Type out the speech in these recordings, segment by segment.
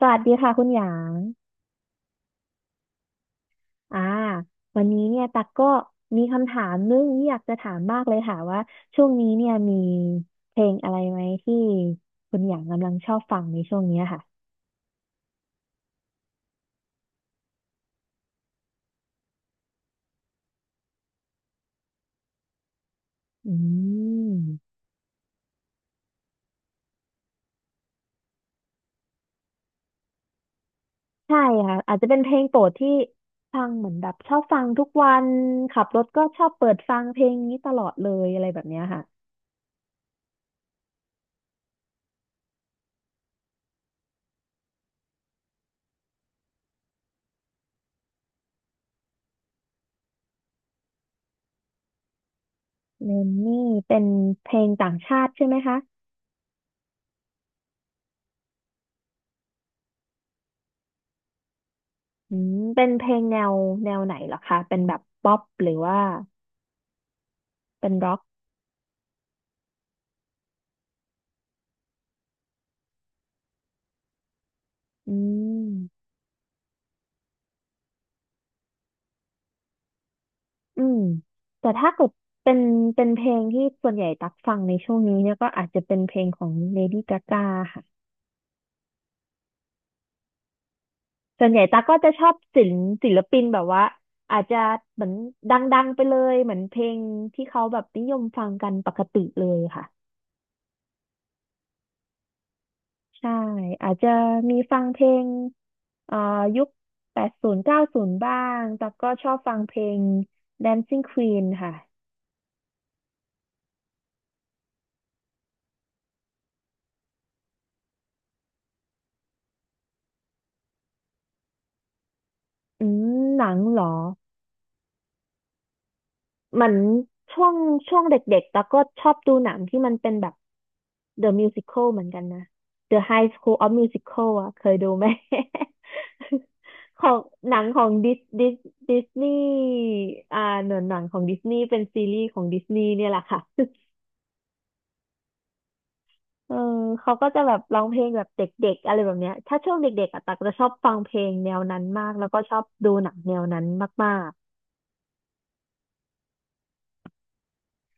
สวัสดีค่ะคุณหยางอ่าวันนี้เนี่ยตักก็มีคำถามนึงที่อยากจะถามมากเลยค่ะว่าช่วงนี้เนี่ยมีเพลงอะไรไหมที่คุณหยางกำลังชอบฟังในช่วงเนี้ยค่ะอืมใช่ค่ะอาจจะเป็นเพลงโปรดที่ฟังเหมือนแบบชอบฟังทุกวันขับรถก็ชอบเปิดฟังเพลงนี้ตลอดเลยอะไรแบบเนี้ยค่ะเลนนี่เป็นเพลงต่างชาติใช่ไหมคะอืมเป็นเพลงแนวแนวไหนเหรอคะเป็นแบบป๊อปหรือว่าเป็นร็อก อืม อืม แต่ถ้าเกิดเป็นเป็นเพลงที่ส่วนใหญ่ตักฟังในช่วงนี้เนี่ยก็อาจจะเป็นเพลงของ Lady Gaga ค่ะ ส่วนใหญ่ตักก็จะชอบศิลปินแบบว่าอาจจะเหมือนดังๆไปเลยเหมือนเพลงที่เขาแบบนิยมฟังกันปกติเลยค่ะใช่อาจจะมีฟังเพลงเอ่อยุค80 90บ้างแต่ก็ชอบฟังเพลง Dancing Queen ค่ะ อืม หนังเหรอ เหมือนช่วงช่วงเด็กๆแล้วก็ชอบดูหนังที่มันเป็นแบบ The Musical เหมือนกันนะ The High School of Musical อ่ะเคยดูไหม ของหนังของดิสนีย์อ่าหนังของดิสนีย์เป็นซีรีส์ของดิสนีย์เนี่ยแหละค่ะ เออเขาก็จะแบบร้องเพลงแบบเด็กๆอะไรแบบเนี้ยถ้าช่วงเด็กๆอะตักจะชอบฟังเพลงแนวนั้นมากแล้วก็ชอบดูหนังแนวนั้นมาก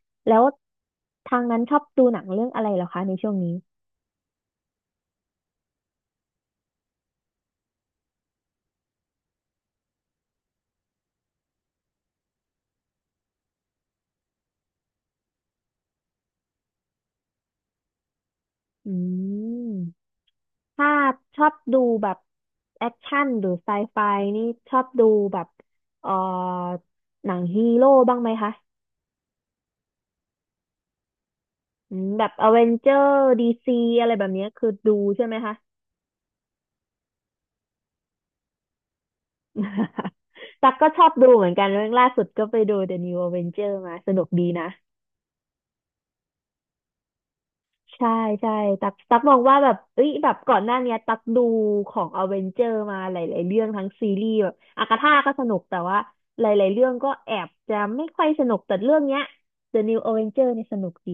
ๆ แล้วทางนั้นชอบดูหนังเรื่องอะไรเหรอคะในช่วงนี้ อืมถ้าชอบดูแบบแอคชั่นหรือไซไฟนี่ชอบดูแบบเอ่อหนังฮีโร่บ้างไหมคะอืมแบบอเวนเจอร์ดีซีอะไรแบบเนี้ยคือดูใช่ไหมคะ ตักก็ชอบดูเหมือนกันเรื่องล่าสุดก็ไปดู The New Avenger มาสนุกดีนะ ใช่ใช่ตักมองว่าแบบเอ้ยแบบก่อนหน้าเนี้ยตักดูของอเวนเจอร์มาหลายๆเรื่องทั้งซีรีส์แบบอากาธาก็สนุกแต่ว่าหลายๆเรื่องก็แอบจะไม่ค่อยสนุกแต่เรื่องเนี้ย The New Avenger เนี่ยสนุกดี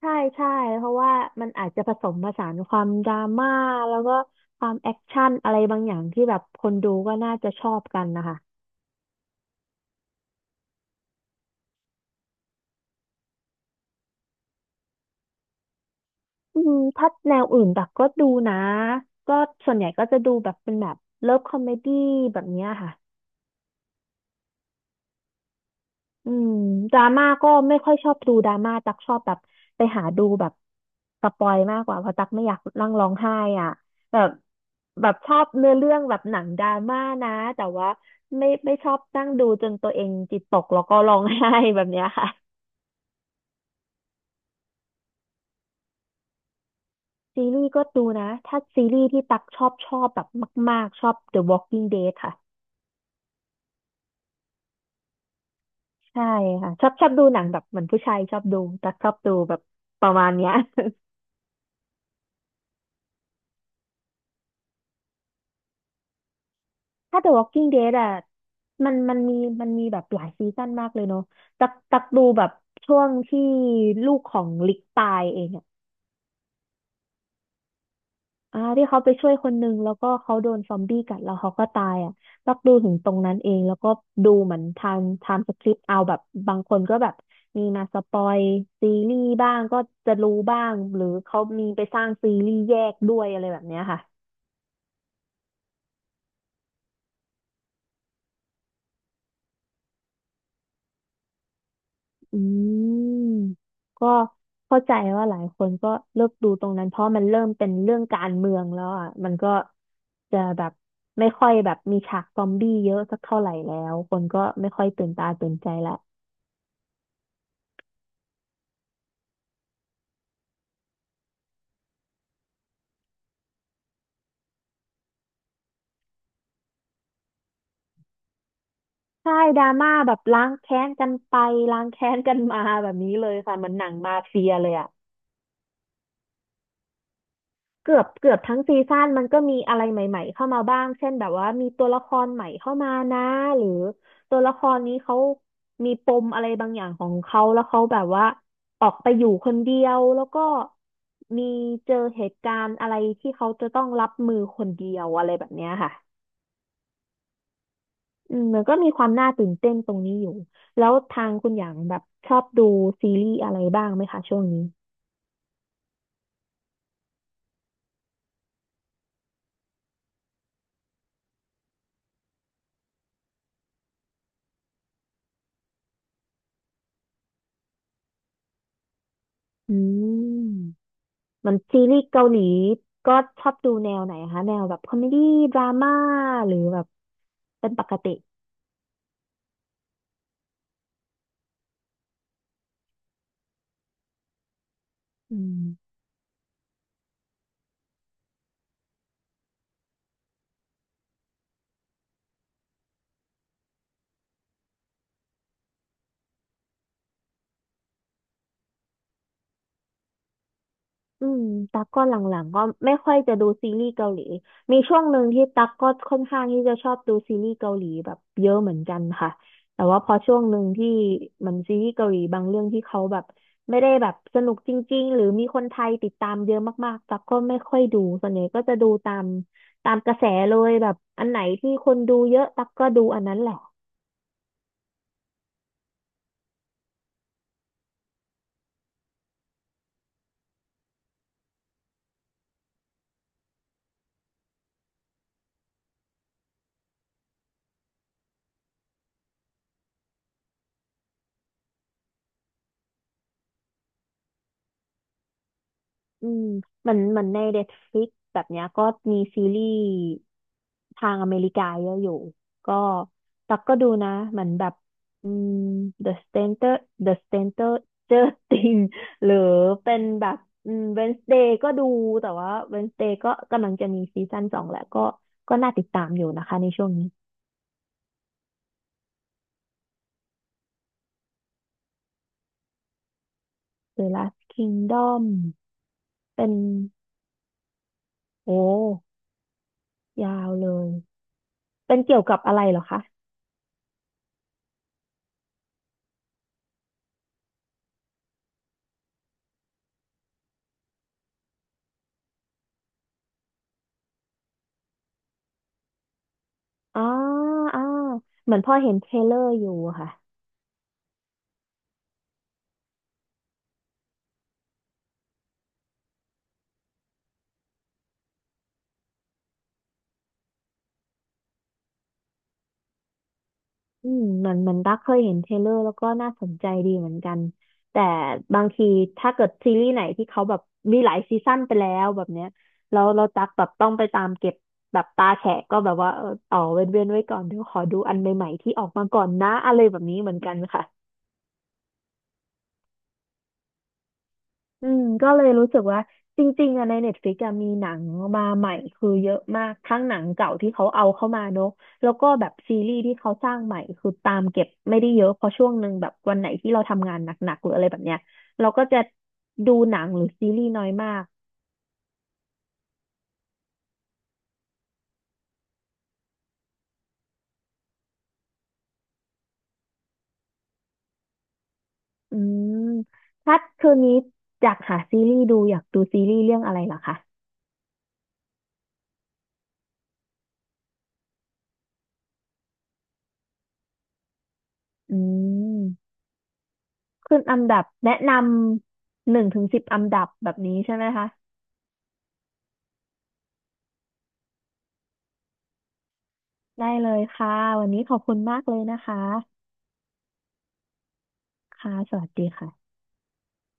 ใช่ใช่เพราะว่ามันอาจจะผสมผสานความดราม่าแล้วก็ความแอคชั่นอะไรบางอย่างที่แบบคนดูก็น่าจะชอบกันนะคะอืมถ้าแนวอื่นตักก็ดูนะก็ส่วนใหญ่ก็จะดูแบบเป็นแบบเลิฟคอมเมดี้แบบเนี้ยค่ะ อืมดราม่าก็ไม่ค่อยชอบดูดราม่าตักชอบแบบไปหาดูแบบสปอยมากกว่าเพราะตักไม่อยากนั่งร้องไห้อ่ะแบบแบบชอบเนื้อเรื่องแบบหนังดราม่านะแต่ว่าไม่ชอบนั่งดูจนตัวเองจิตตกแล้วก็ร้องไห้แบบเนี้ยค่ะซีรีส์ก็ดูนะถ้าซีรีส์ที่ตักชอบแบบมากๆชอบ The Walking Dead ค่ะใช่ค่ะชอบชอบดูหนังแบบเหมือนผู้ชายชอบดูตักชอบดูแบบประมาณเนี้ย ถ้า The Walking Dead อ่ะมันมันมีมันมีแบบหลายซีซั่นมากเลยเนาะตักดูแบบช่วงที่ลูกของลิกตายเองอ่ะอ่าที่เขาไปช่วยคนนึงแล้วก็เขาโดนซอมบี้กัดแล้วเขาก็ตายอ่ะตักดูถึงตรงนั้นเองแล้วก็ดูเหมือนทางไทำสคริปต์เอาแบบบางคนก็แบบมีมาสปอยซีรีส์บ้างก็จะรู้บ้างหรือเขามีไปสร้างซีรีส์แยกด้วยอะไรแบบเนี้ยค่ะ อืมก็เข้าใจว่าหลายคนก็เลิกดูตรงนั้นเพราะมันเริ่มเป็นเรื่องการเมืองแล้วอ่ะมันก็จะแบบไม่ค่อยแบบมีฉากซอมบี้เยอะสักเท่าไหร่แล้วคนก็ไม่ค่อยตื่นตาตื่นใจละใช่ดราม่าแบบล้างแค้นกันไปล้างแค้นกันมาแบบนี้เลยค่ะเหมือนหนังมาเฟียเลยอ่ะ เกือบทั้งซีซั่นมันก็มีอะไรใหม่ๆเข้ามาบ้างเช่นแบบว่ามีตัวละครใหม่เข้ามานะหรือตัวละครนี้เขามีปมอะไรบางอย่างของเขาแล้วเขาแบบว่าออกไปอยู่คนเดียวแล้วก็มีเจอเหตุการณ์อะไรที่เขาจะต้องรับมือคนเดียวอะไรแบบเนี้ยค่ะอืมมันก็มีความน่าตื่นเต้นตรงนี้อยู่แล้วทางคุณอย่างแบบชอบดูซีรีส์อะไรบ้างไหมคะช่วงนี้อืม เหมันซีรีส์เกาหลีก็ชอบดูแนวไหนคะแนวแบบคอมเมดี้ดราม่าหรือแบบเป็นปกติอืม อืมตั๊กก็หลังๆก็ไม่ค่อยจะดูซีรีส์เกาหลีมีช่วงหนึ่งที่ตั๊กก็ค่อนข้างที่จะชอบดูซีรีส์เกาหลีแบบเยอะเหมือนกันค่ะแต่ว่าพอช่วงหนึ่งที่มันซีรีส์เกาหลีบางเรื่องที่เขาแบบไม่ได้แบบสนุกจริงๆหรือมีคนไทยติดตามเยอะมากๆตั๊กก็ไม่ค่อยดูส่วนใหญ่ก็จะดูตามกระแสเลยแบบอันไหนที่คนดูเยอะตั๊กก็ดูอันนั้นแหละ อืมเหมือนเหมือนใน Netflix แบบเนี้ยก็มีซีรีส์ทางอเมริกาเยอะอยู่ก็ตักก็ดูนะเหมือนแบบอืม The Stranger The Stranger Things หรือเป็นแบบอืม Wednesday ก็ดูแต่ว่า Wednesday ก็กำลังจะมีซีซั่น2แหละก็ก็น่าติดตามอยู่นะคะในช่วงนี้ The Last Kingdom เป็นโอ้ยาวเลยเป็นเกี่ยวกับอะไรเหรอคะ อ๋ออ๋อเหมือนพ่อเห็นเทรลเลอร์อยู่อะค่ะอืมเหมือนเหมือนตักเคยเห็นเทรลเลอร์แล้วก็น่าสนใจดีเหมือนกัน แต่บางทีถ้าเกิดซีรีส์ไหนที่เขาแบบมีหลายซีซั่นไปแล้วแบบเนี้ยแล้วเราตักแบบต้องไปตามเก็บแบบตาแฉะก็แบบว่าเอออ๋อเว้นไว้ก่อนเดี๋ยวขอดูอันใหม่ๆที่ออกมาก่อนนะอะไรแบบนี้เหมือนกันค่ะ อืมก็เลยรู้สึกว่าจริงๆอะในเน็ตฟ i ิกอะมีหนังมาใหม่คือเยอะมากทั้งหนังเก่าที่เขาเอาเข้ามาเนอะแล้วก็แบบซีรีส์ที่เขาสร้างใหม่คือตามเก็บไม่ได้เยอะเพราะช่วงหนึ่งแบบวันไหนที่เราทำงานหนักๆหรืออะไรแบบเนี้ยเราก็จะดูหนังหรือซีรีส์น้อยมากอืมถ้าคืนนี้อยากหาซีรีส์ดูอยากดูซีรีส์เรื่องอะไรเหรอคะอืมขึ้นอันดับแนะนำ1 ถึง 10อันดับแบบนี้ใช่ไหมคะ ได้เลยค่ะ วันนี้ขอบคุณมากเลยนะคะค่ะสวัสดีค่ะ